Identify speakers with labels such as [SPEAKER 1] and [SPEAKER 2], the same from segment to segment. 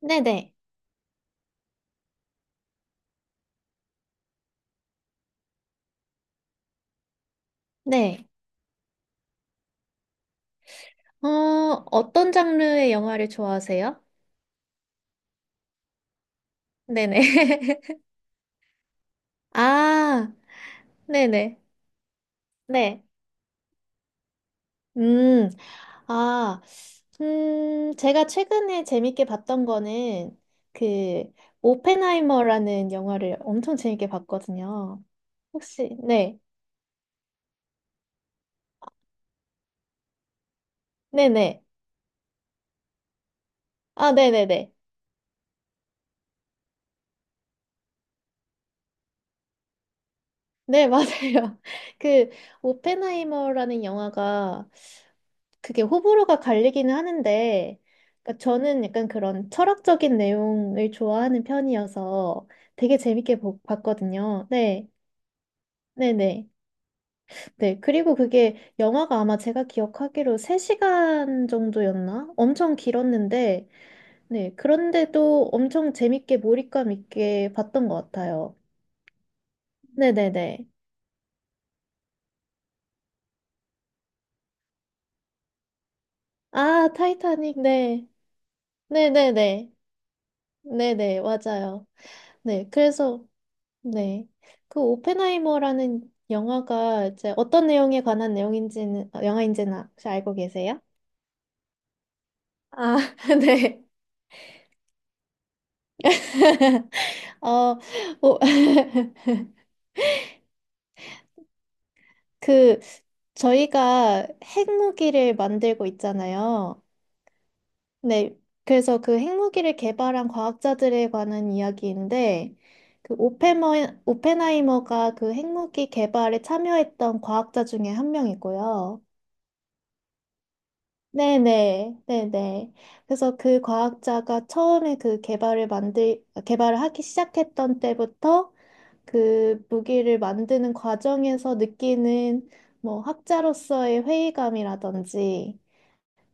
[SPEAKER 1] 네네. 네. 어, 어떤 장르의 영화를 좋아하세요? 네네. 아, 네네. 네. 음, 아, 제가 최근에 재밌게 봤던 거는 그, 오펜하이머라는 영화를 엄청 재밌게 봤거든요. 혹시, 네. 네네. 아, 네네네. 네, 맞아요. 그, 오펜하이머라는 영화가 그게 호불호가 갈리기는 하는데, 그러니까 저는 약간 그런 철학적인 내용을 좋아하는 편이어서 되게 재밌게 봤거든요. 네, 네네. 네. 네, 그리고 그게 영화가 아마 제가 기억하기로 3시간 정도였나? 엄청 길었는데, 네. 그런데도 엄청 재밌게 몰입감 있게 봤던 것 같아요. 네네네. 아, 타이타닉, 네. 네네네. 네네, 맞아요. 네. 그래서, 네. 그 오펜하이머라는 영화가 이제 어떤 내용에 관한 내용인지는, 어, 영화인지는 혹시 알고 계세요? 아, 네. 어, 오, 그, 저희가 핵무기를 만들고 있잖아요. 네. 그래서 그 핵무기를 개발한 과학자들에 관한 이야기인데, 그 오펜하이머가 그 핵무기 개발에 참여했던 과학자 중에 한 명이고요. 네네, 네네. 그래서 그 과학자가 처음에 그 개발을 하기 시작했던 때부터 그 무기를 만드는 과정에서 느끼는 뭐 학자로서의 회의감이라든지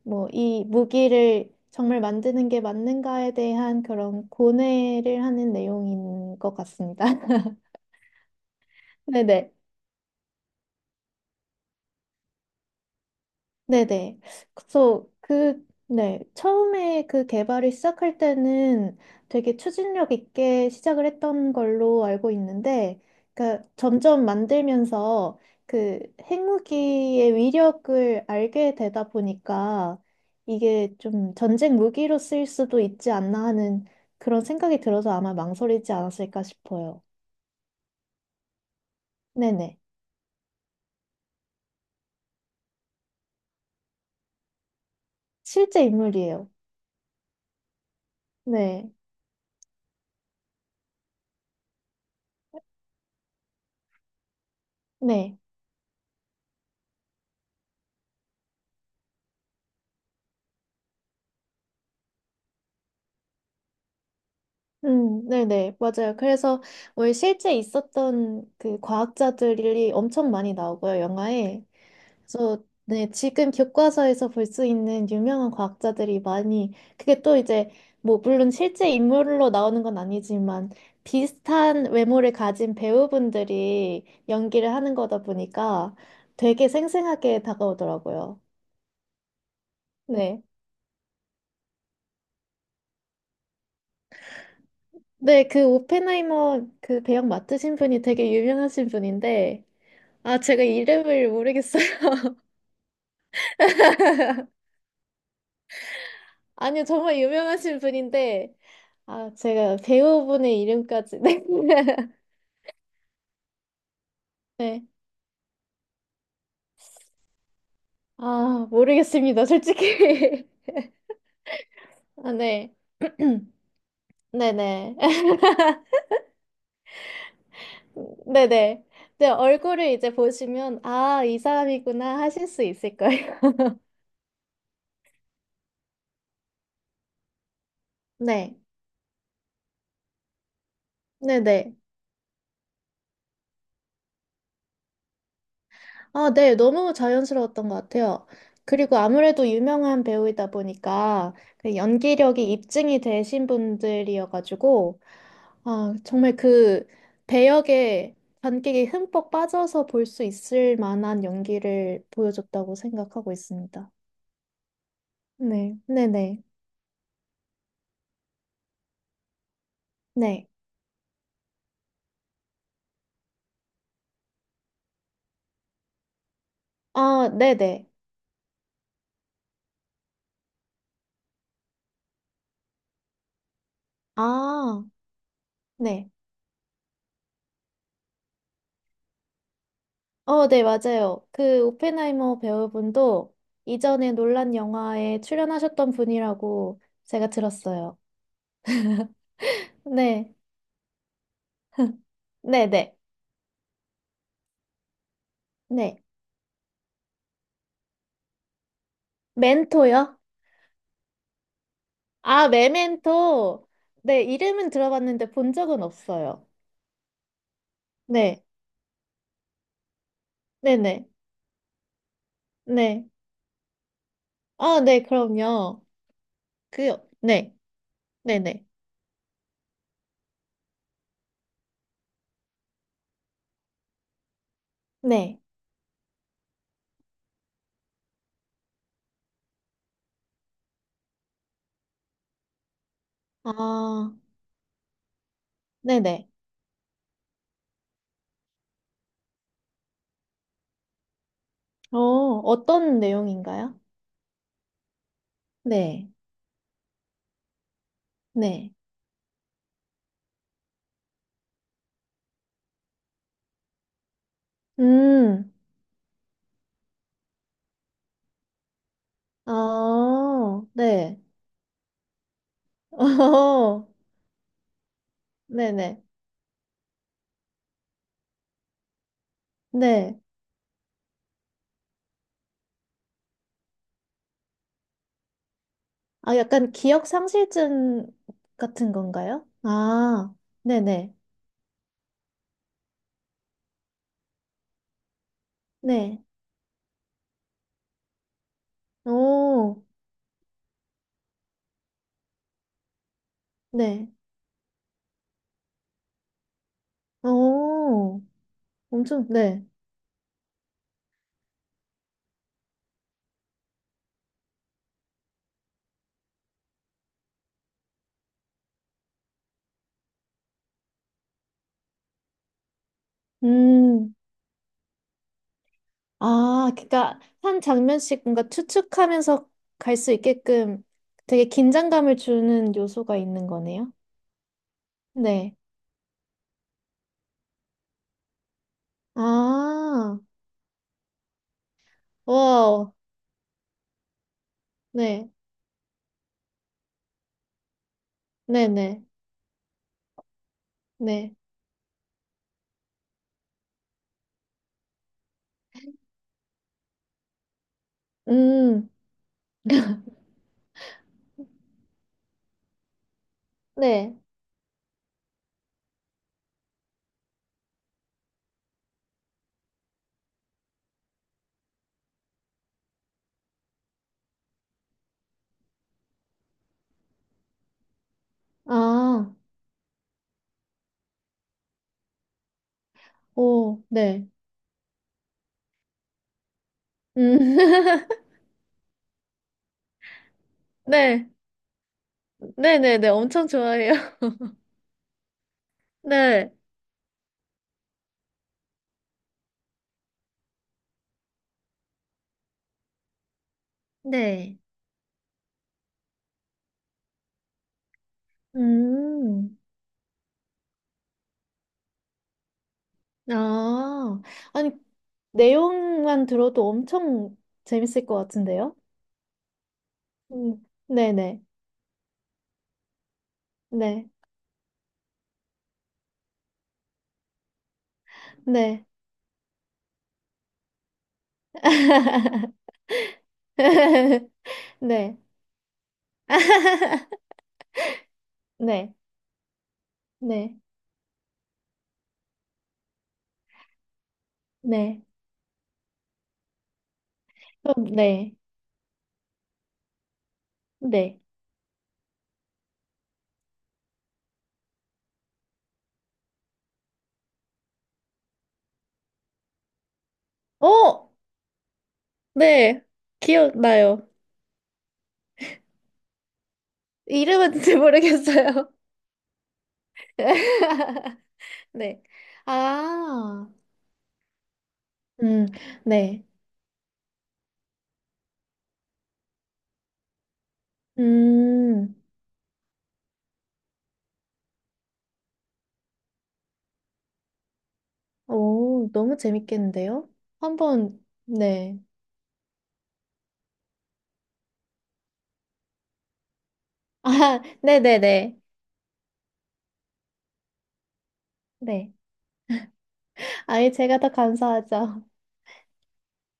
[SPEAKER 1] 뭐 이 무기를 정말 만드는 게 맞는가에 대한 그런 고뇌를 하는 내용인 것 같습니다. 네네. 네네. 그래서 그, 네. 처음에 그 개발을 시작할 때는 되게 추진력 있게 시작을 했던 걸로 알고 있는데, 그러니까 점점 만들면서 그 핵무기의 위력을 알게 되다 보니까 이게 좀 전쟁 무기로 쓰일 수도 있지 않나 하는 그런 생각이 들어서 아마 망설이지 않았을까 싶어요. 네네. 실제 인물이에요. 네. 네. 네네, 맞아요. 그래서 왜 실제 있었던 그 과학자들이 엄청 많이 나오고요, 영화에. 그래서 네, 지금 교과서에서 볼 수 있는 유명한 과학자들이 많이, 그게 또 이제, 뭐, 물론 실제 인물로 나오는 건 아니지만, 비슷한 외모를 가진 배우분들이 연기를 하는 거다 보니까 되게 생생하게 다가오더라고요. 네. 네, 그 오펜하이머 그 배역 맡으신 분이 되게 유명하신 분인데, 아, 제가 이름을 모르겠어요. 아니요, 정말 유명하신 분인데, 아, 제가 배우분의 이름까지. 네. 네. 아, 모르겠습니다, 솔직히. 아, 네. 네네. 네네. 네, 얼굴을 이제 보시면, 아, 이 사람이구나 하실 수 있을 거예요. 네. 네네. 아, 네. 너무 자연스러웠던 것 같아요. 그리고 아무래도 유명한 배우이다 보니까 그 연기력이 입증이 되신 분들이어가지고, 아, 정말 그 배역에 관객이 흠뻑 빠져서 볼 수 있을 만한 연기를 보여줬다고 생각하고 있습니다. 네, 네네, 네. 네. 아, 네네. 아, 네. 어, 네, 맞아요. 그 오펜하이머 배우분도 이전에 논란 영화에 출연하셨던 분이라고 제가 들었어요. 네, 네네, 네. 네. 멘토요? 아, 메멘토. 네, 이름은 들어봤는데 본 적은 없어요. 네, 네네. 네. 아, 네, 그럼요. 그, 네, 네네. 네. 아, 네네. 어, 어떤 내용인가요? 네, 네. 음, 아, 네. 어, 네네. 네. 아, 약간 기억 상실증 같은 건가요? 아, 네네. 네. 오, 네. 오, 엄청, 네. 음. 아, 그러니까 한 장면씩 뭔가 추측하면서 갈 수 있게끔 되게 긴장감을 주는 요소가 있는 거네요. 네. 아, 와우. 네. 네네. 네. 네. 음, 네. 아, 오, 네. 음. 네. 네네네. 엄청 좋아해요. 네. 네. 음. 아, 아니, 내용만 들어도 엄청 재밌을 것 같은데요? 네네. 네, 네, 네, 네, 네, 네, 그럼 네, 네. 어, 네, 기억나요. 이름은 잘 모르겠어요. 네. 아, 음, 네, 음, 오, 너무 재밌겠는데요? 한번, 네. 아, 네네네. 네. 아예 제가 더 감사하죠.